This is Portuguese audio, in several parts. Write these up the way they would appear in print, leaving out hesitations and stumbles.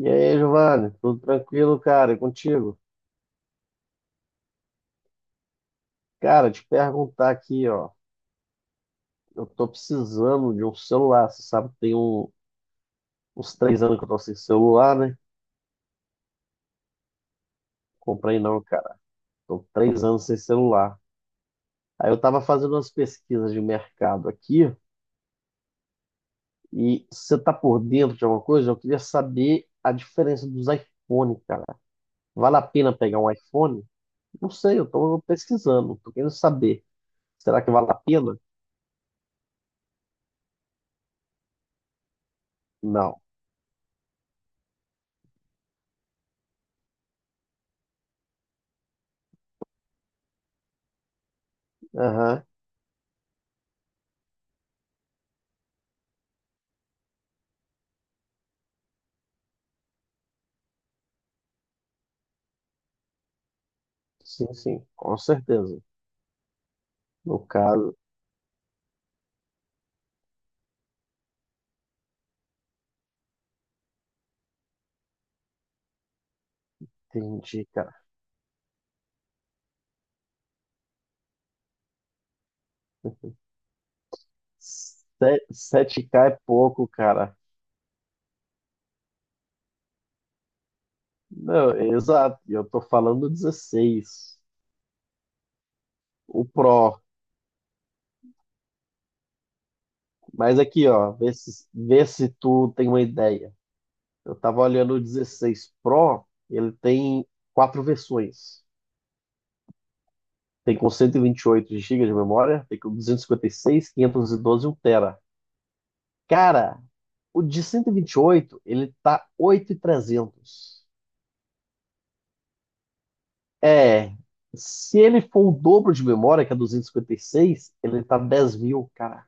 E aí, Giovanni, tudo tranquilo, cara? E contigo? Cara, te perguntar aqui, ó. Eu tô precisando de um celular. Você sabe, que tem uns 3 anos que eu tô sem celular, né? Comprei não, cara. Tô 3 anos sem celular. Aí eu tava fazendo umas pesquisas de mercado aqui e você tá por dentro de alguma coisa? Eu queria saber a diferença dos iPhone, cara. Vale a pena pegar um iPhone? Não sei, eu tô pesquisando, tô querendo saber. Será que vale a pena? Não. Aham. Sim, sim, com certeza. No caso, entendi, cara. Se- 7K é pouco, cara. Não, exato. Eu tô falando 16. O Pro. Mas aqui, ó, vê se tu tem uma ideia. Eu tava olhando o 16 Pro, ele tem quatro versões. Tem com cento e vinte e oito gigas de memória, tem com duzentos e cinquenta e seis, quinhentos e doze e um tera. Cara, o de cento e vinte e oito, ele tá 8.300. É, se ele for o dobro de memória, que é duzentos e cinquenta e seis, ele tá 10 mil, cara.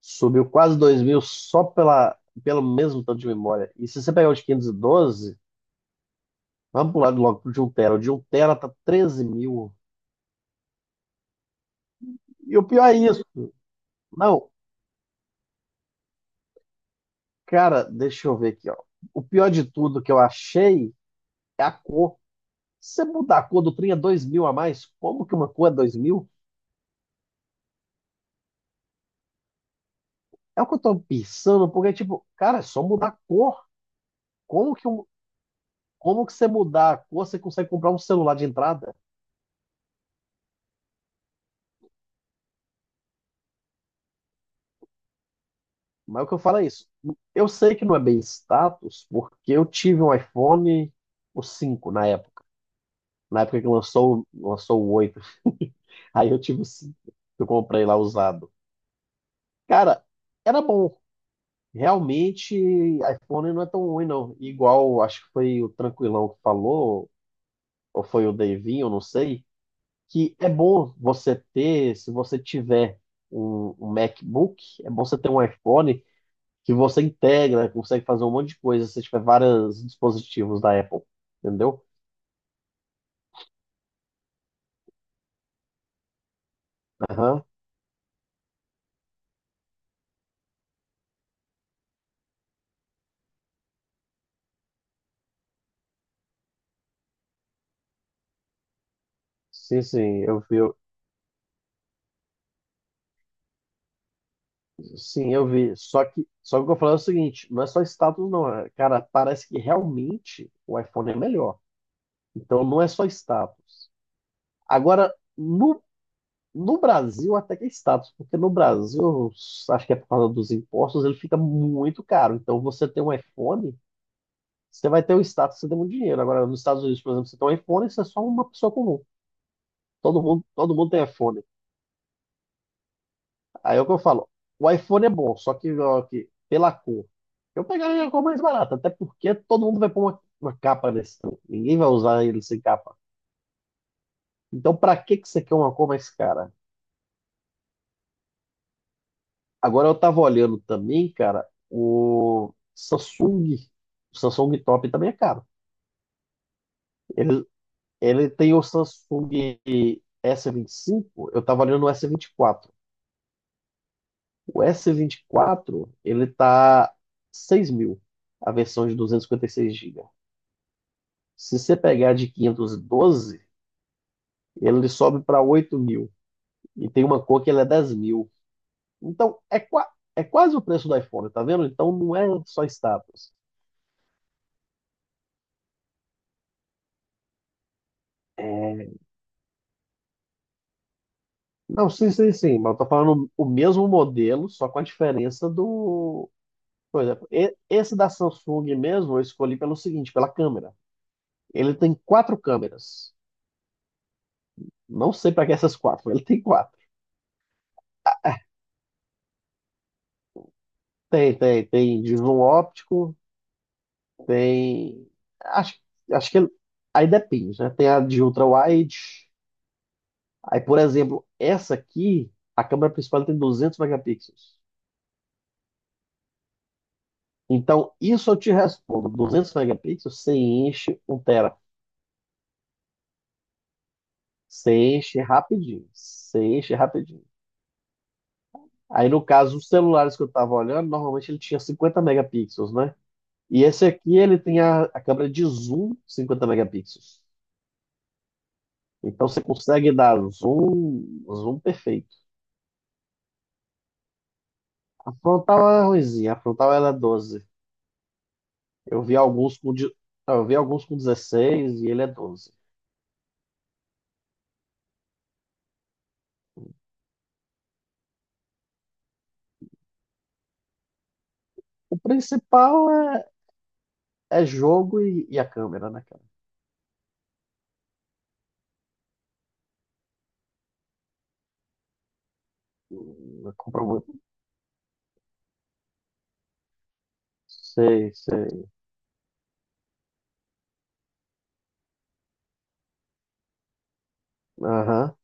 Subiu quase 2 mil só pela, pelo mesmo tanto de memória. E se você pegar o de 512, vamos pular logo pro de um tera. O de um tera tá 13 mil. E o pior é isso. Não, cara, deixa eu ver aqui, ó. O pior de tudo que eu achei é a cor. Se você mudar a cor do trem é 2 mil a mais, como que uma cor é 2 mil? É o que eu tô pensando, porque, tipo, cara, é só mudar a cor. Como que um- Como que você mudar a cor, você consegue comprar um celular de entrada? Mas é o que eu falo é isso. Eu sei que não é bem status, porque eu tive um iPhone, o 5 na época. Na época que lançou, lançou o 8. Aí eu tive o 5. Eu comprei lá usado. Cara, era bom. Realmente, iPhone não é tão ruim, não. Igual, acho que foi o Tranquilão que falou, ou foi o Davinho, eu não sei, que é bom você ter, se você tiver um MacBook, é bom você ter um iPhone, que você integra, consegue fazer um monte de coisa se tiver vários dispositivos da Apple, entendeu? Aham. Sim, sim, eu vi. Sim, eu vi. Só que o que eu falo é o seguinte, não é só status, não. Cara, parece que realmente o iPhone é melhor. Então não é só status. Agora, no Brasil até que é status, porque no Brasil, acho que é por causa dos impostos, ele fica muito caro. Então você tem um iPhone, você vai ter o status, você tem muito dinheiro. Agora, nos Estados Unidos, por exemplo, você tem um iPhone, você é só uma pessoa comum. Todo mundo tem iPhone. Aí é o que eu falo. O iPhone é bom, só que, ó, que pela cor. Eu pegaria a cor mais barata, até porque todo mundo vai pôr uma capa nesse trem. Ninguém vai usar ele sem capa. Então, pra que que você quer uma cor mais cara? Agora eu tava olhando também, cara, o Samsung. O Samsung Top também é caro. Ele, ele tem o Samsung S25, eu tava olhando o S24. O S24, ele tá 6 mil, a versão de 256 GB. Se você pegar de 512, ele sobe para 8 mil. E tem uma cor que ele é 10 mil. Então, é quase o preço do iPhone, tá vendo? Então, não é só status. Não, sim, sim, sim. Mas eu tô falando o mesmo modelo, só com a diferença do. Por exemplo, esse da Samsung mesmo eu escolhi pelo seguinte, pela câmera. Ele tem quatro câmeras. Não sei para que essas quatro, mas ele tem quatro. Tem de zoom óptico, tem. Acho, acho que aí depende, né? Tem a de ultra-wide. Aí, por exemplo, essa aqui, a câmera principal tem 200 megapixels. Então, isso eu te respondo: 200 megapixels, você enche um tera. Você enche rapidinho. Você enche rapidinho. Aí, no caso, os celulares que eu estava olhando, normalmente ele tinha 50 megapixels, né? E esse aqui, ele tem a câmera de zoom 50 megapixels. Então você consegue dar zoom perfeito. A frontal é ruimzinha, a frontal ela é doze. Eu vi alguns não, eu vi alguns com 16 e ele é doze. O principal é jogo e a câmera, né, cara? Não compra muito. Sei, sei. Aham.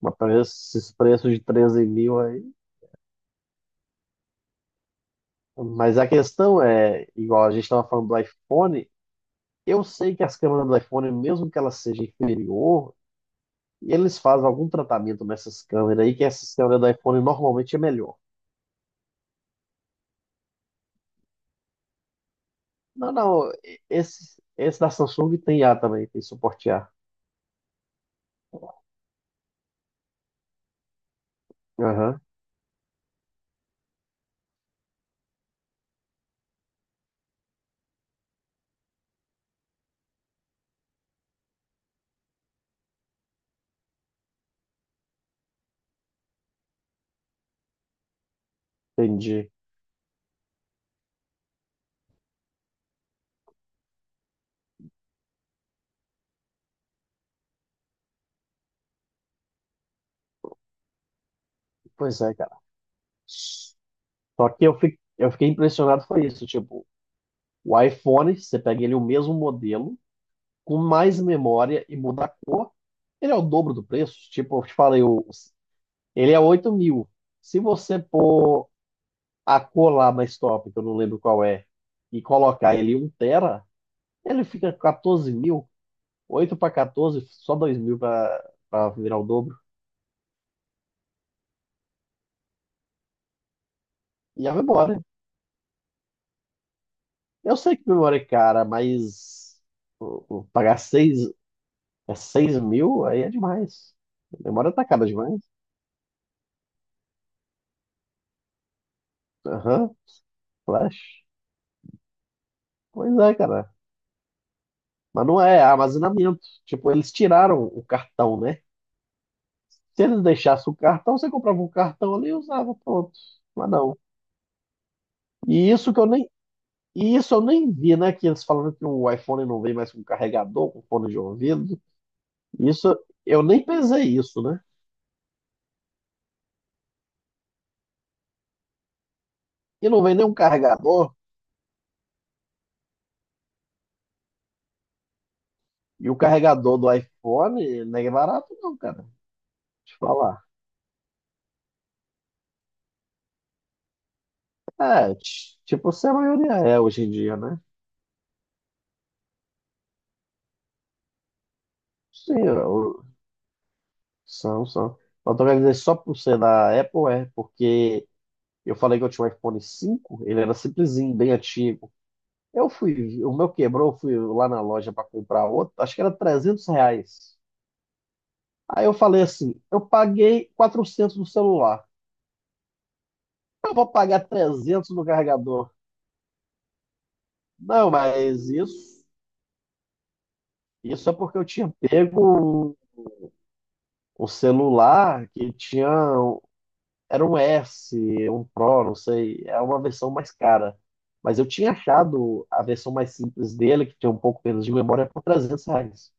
Mas pra esses preços de 13 mil aí. Mas a questão é, igual a gente estava falando do iPhone, eu sei que as câmeras do iPhone, mesmo que ela seja inferior. E eles fazem algum tratamento nessas câmeras aí, que essas câmeras do iPhone normalmente é melhor. Não, não, esse da Samsung tem A também, tem suporte A. Aham, entendi. Pois é, cara. Só que eu, eu fiquei impressionado foi isso, tipo, o iPhone, você pega ele o mesmo modelo, com mais memória e muda a cor, ele é o dobro do preço. Tipo, eu te falei, o, ele é 8 mil. Se você pôr a cor lá mais top, que eu não lembro qual é, e colocar ele em 1 tera, ele fica com 14 mil, 8 para 14, só 2 mil para virar o dobro. E a memória. Eu sei que memória é cara, mas o pagar 6 é 6 mil aí é demais. A memória tá cara demais. Aham, flash. Pois é, cara. Mas não é, é armazenamento. Tipo, eles tiraram o cartão, né? Se eles deixassem o cartão, você comprava um cartão ali e usava, pronto. Mas não. E isso que eu nem E isso eu nem vi, né? Que eles falando que o iPhone não vem mais com carregador, com fone de ouvido. Isso eu nem pensei isso, né? E não vem nenhum carregador. E o carregador do iPhone não é barato, não, cara. Te falar. É, tipo, se a maioria é hoje em dia, né? Sim, são, são. Mas tô querendo dizer, só por ser da Apple, é, porque eu falei que eu tinha um iPhone cinco, ele era simplesinho, bem antigo. Eu fui, o meu quebrou, eu fui lá na loja para comprar outro, acho que era R$ 300. Aí eu falei assim: eu paguei 400 no celular, eu vou pagar 300 no carregador. Não, mas isso é porque eu tinha pego o celular que tinha, um, era um S, um Pro, não sei, é uma versão mais cara. Mas eu tinha achado a versão mais simples dele, que tinha um pouco menos de memória, por R$ 300.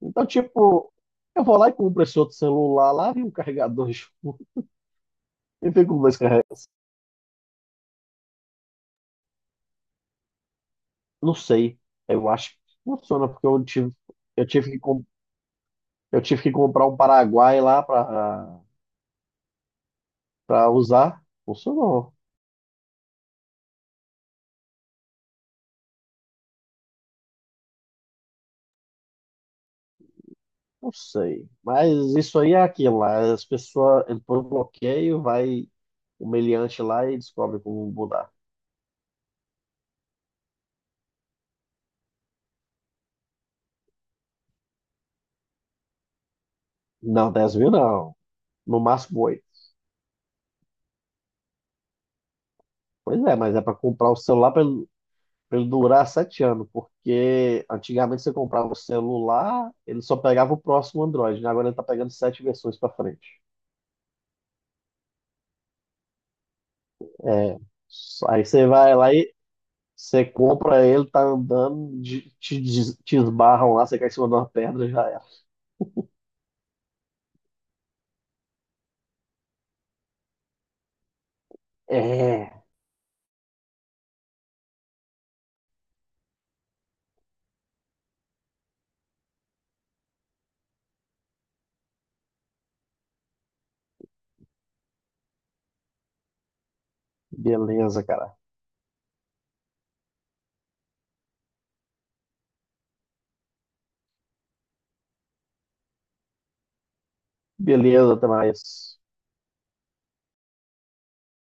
Então, tipo, eu vou lá e compro esse outro celular lá e um carregador junto. E fico com dois. Não sei. Eu acho que funciona, porque eu tive, eu tive que, com- eu tive que comprar um Paraguai lá para usar. Funcionou. Não sei. Mas isso aí é aquilo lá. As pessoas entram no bloqueio, vai o meliante lá e descobre como mudar. Não, dez mil não. No máximo 8. Pois é, mas é para comprar o celular para ele, pra ele durar 7 anos. Porque antigamente você comprava o celular, ele só pegava o próximo Android, né? Agora ele está pegando sete versões para frente. Aí você vai lá e você compra ele, tá andando, te esbarram lá, você cai em cima de uma pedra e já era. É, beleza, cara. Beleza, até mais.